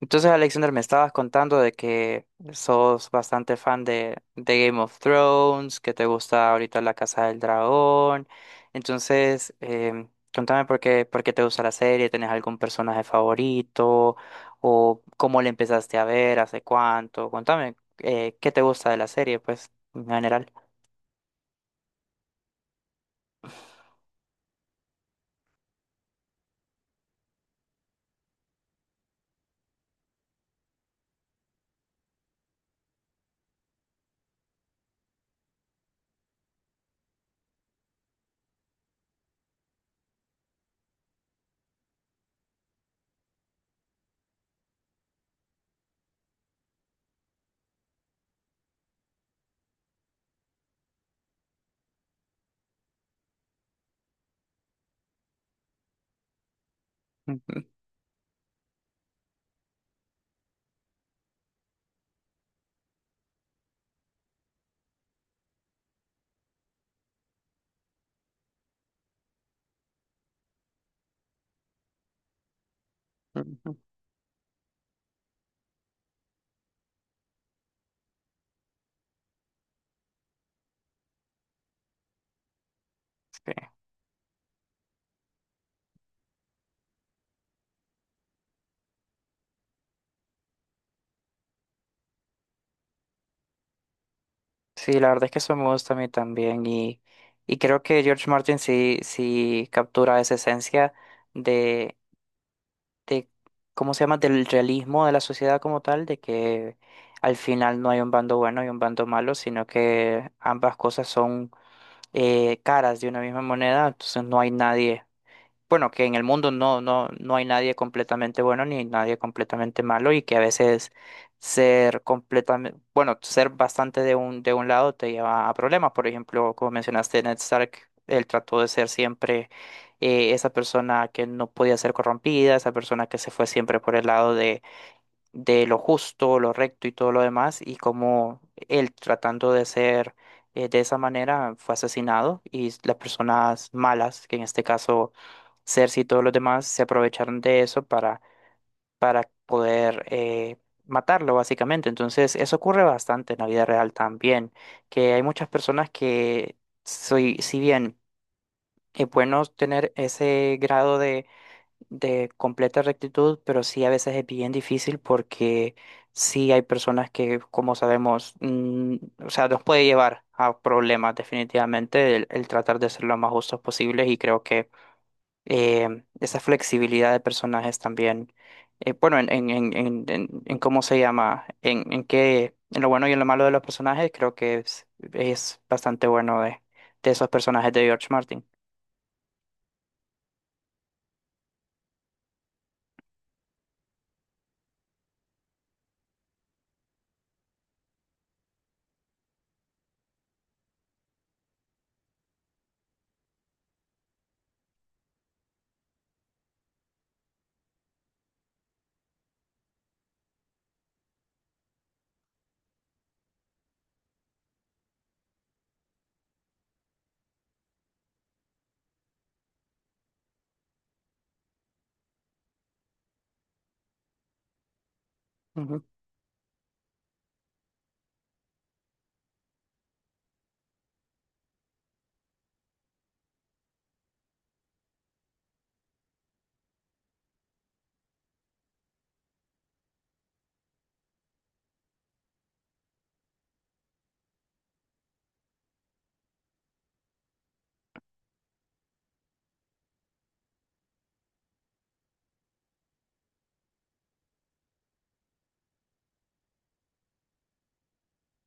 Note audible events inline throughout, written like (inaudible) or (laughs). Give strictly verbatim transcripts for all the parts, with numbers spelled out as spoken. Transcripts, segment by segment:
Entonces, Alexander, me estabas contando de que sos bastante fan de, de Game of Thrones, que te gusta ahorita La Casa del Dragón. Entonces, em, Contame por qué, por qué te gusta la serie. ¿Tenés algún personaje favorito? ¿O cómo le empezaste a ver? ¿Hace cuánto? Contame, eh, ¿qué te gusta de la serie, pues, en general? (laughs) Ujú, ujú. Sí, sí, la verdad es que eso me gusta a mí también, y, y creo que George Martin sí, sí captura esa esencia de de, ¿cómo se llama? Del realismo de la sociedad como tal, de que al final no hay un bando bueno y un bando malo, sino que ambas cosas son eh, caras de una misma moneda. Entonces no hay nadie bueno, que en el mundo no, no, no hay nadie completamente bueno ni nadie completamente malo, y que a veces ser completamente, bueno, ser bastante de un, de un lado te lleva a problemas. Por ejemplo, como mencionaste, Ned Stark, él trató de ser siempre eh, esa persona que no podía ser corrompida, esa persona que se fue siempre por el lado de de lo justo, lo recto y todo lo demás, y como él tratando de ser eh, de esa manera fue asesinado, y las personas malas, que en este caso Cersei y todos los demás, se aprovecharon de eso para, para poder eh, matarlo básicamente. Entonces eso ocurre bastante en la vida real también, que hay muchas personas que, soy, si bien es bueno tener ese grado de de completa rectitud, pero sí a veces es bien difícil porque sí hay personas que, como sabemos, mm, o sea, nos puede llevar a problemas definitivamente el, el tratar de ser lo más justos posibles. Y creo que eh, esa flexibilidad de personajes también, eh, bueno, en, en, en, en, en- en cómo se llama, en, en qué, en lo bueno y en lo malo de los personajes, creo que es, es bastante bueno de, de esos personajes de George Martin. Ujú.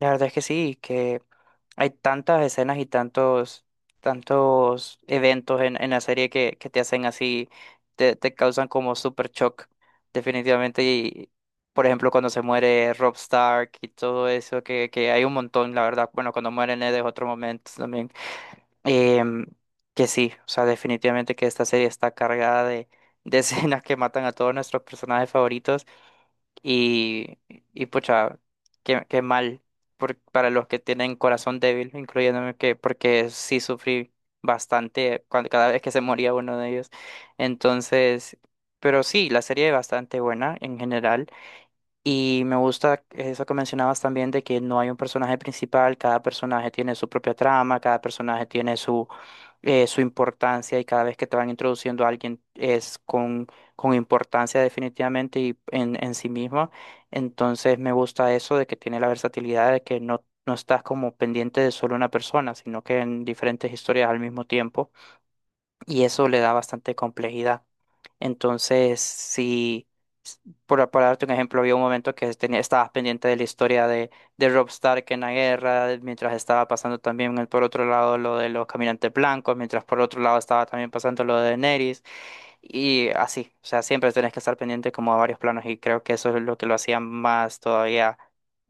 La verdad es que sí, que hay tantas escenas y tantos, tantos eventos en, en la serie que, que te hacen así, te, te causan como super shock, definitivamente. Y, por ejemplo, cuando se muere Rob Stark y todo eso, que, que hay un montón, la verdad. Bueno, cuando muere Ned es otro momento también. Em, que sí, o sea, definitivamente que esta serie está cargada de, de (laughs) escenas que matan a todos nuestros personajes favoritos. Y, y pucha, qué, qué mal por- para los que tienen corazón débil, incluyéndome, que porque sí sufrí bastante cuando, cada vez que se moría uno de ellos. Entonces, pero sí, la serie es bastante buena en general. Y me gusta eso que mencionabas también de que no hay un personaje principal, cada personaje tiene su propia trama, cada personaje tiene su, eh, su importancia, y cada vez que te van introduciendo a alguien es con, con importancia definitivamente y en, en sí mismo. Entonces me gusta eso de que tiene la versatilidad de que no, no estás como pendiente de solo una persona, sino que en diferentes historias al mismo tiempo, y eso le da bastante complejidad. Entonces, si, s- por, por darte un ejemplo, había un momento que tenía, estabas pendiente de la historia de, de Robb Stark en la guerra, mientras estaba pasando también el- por otro lado lo de los caminantes blancos, mientras por otro lado estaba también pasando lo de Daenerys, y así, o sea, siempre tenés que estar pendiente como a varios planos, y creo que eso es lo que lo hacía más todavía,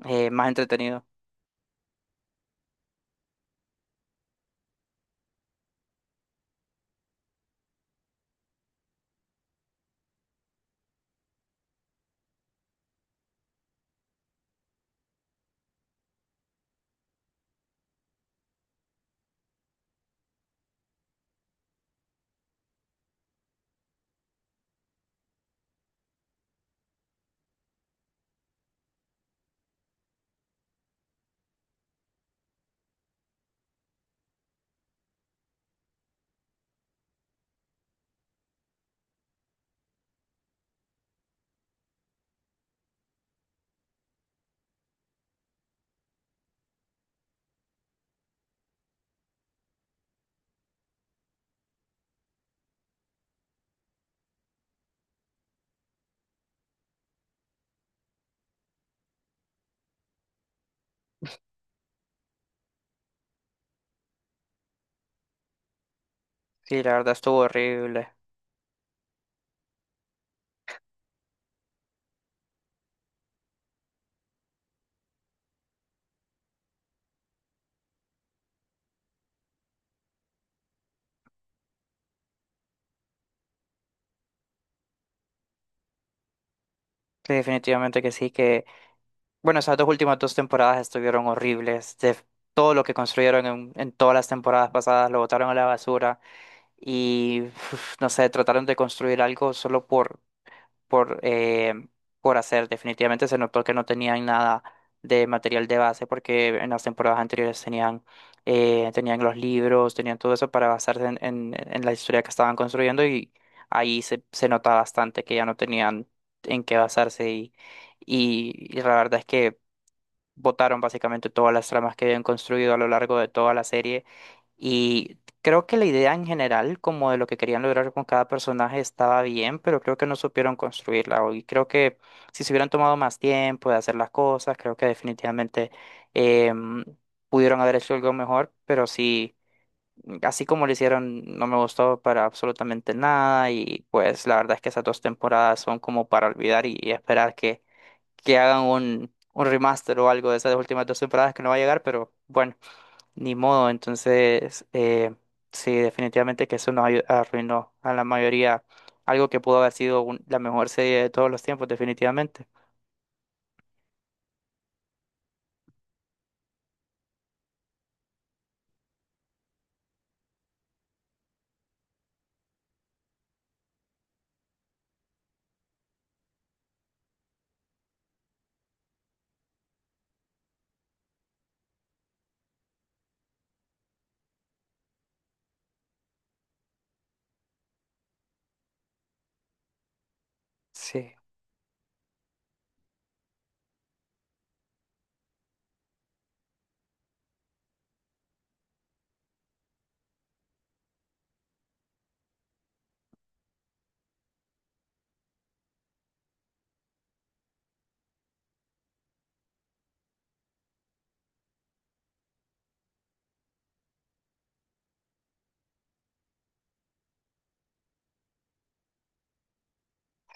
eh, más entretenido. Sí, la verdad estuvo horrible. Sí, definitivamente que sí. Bueno, esas dos últimas dos temporadas estuvieron horribles. De todo lo que construyeron en, en todas las temporadas pasadas lo botaron a la basura, y uf, no sé, trataron de construir algo solo por por eh, por hacer. Definitivamente se notó que no tenían nada de material de base, porque en las temporadas anteriores tenían eh, tenían los libros, tenían todo eso para basarse en, en, en la historia que estaban construyendo, y ahí se, se nota bastante que ya no tenían en qué basarse, y, y y la verdad es que botaron básicamente todas las tramas que habían construido a lo largo de toda la serie. Y creo que la idea en general, como de lo que querían lograr con cada personaje, estaba bien, pero creo que no supieron construirla. o- Y creo que si se hubieran tomado más tiempo de hacer las cosas, creo que definitivamente em, pudieron haber hecho algo mejor, pero sí. Así como lo hicieron, no me gustó para absolutamente nada, y pues la verdad es que esas dos temporadas son como para olvidar, y y esperar que que hagan un, un remaster o algo de esas últimas dos temporadas, que no va a llegar, pero bueno, ni modo. Entonces, eh, sí, definitivamente que eso nos ayu- arruinó a la mayoría algo que pudo haber sido un- la mejor serie de todos los tiempos, definitivamente. Sí,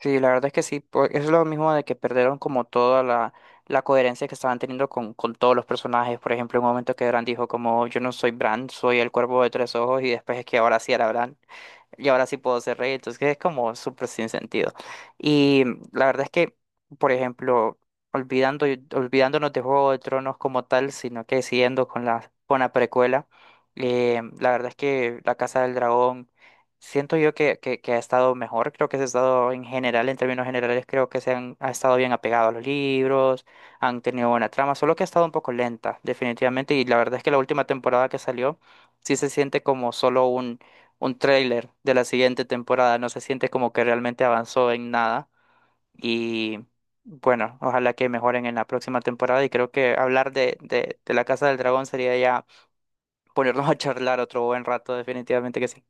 sí, la verdad es que sí, po- es lo mismo de que perdieron como toda la, la coherencia que estaban teniendo con, con todos los personajes. Por ejemplo, en un momento que Bran dijo como yo no soy Bran, soy el cuervo de tres ojos, y después es que ahora sí era Bran, y ahora sí puedo hacer reír. Entonces es como súper sin sentido. Y la verdad es que, por ejemplo, olvidando, olvidándonos de Juego de Tronos como tal, sino que siguiendo con la, con la precuela, eh, la verdad es que La Casa del Dragón, siento yo que, que, que ha estado mejor, creo que se ha estado en general, en términos generales, creo que se han ha estado bien apegado a los libros, han tenido buena trama, solo que ha estado un poco lenta, definitivamente, y la verdad es que la última temporada que salió, sí se siente como solo un tráiler de la siguiente temporada. No se siente como que realmente avanzó en nada. Y bueno, ojalá que mejoren en la próxima temporada. Y creo que hablar de, de, de la Casa del Dragón sería ya ponernos (laughs) a charlar otro buen rato, definitivamente que sí.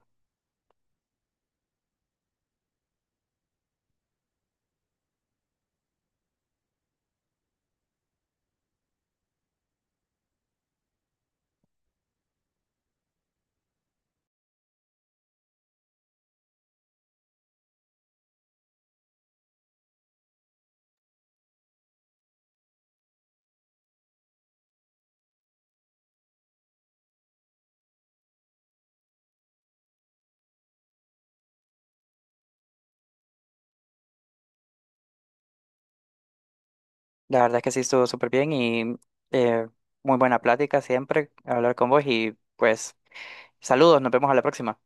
La verdad es que sí estuvo súper bien y eh, muy buena plática siempre hablar con vos. Y pues saludos, nos vemos a la próxima.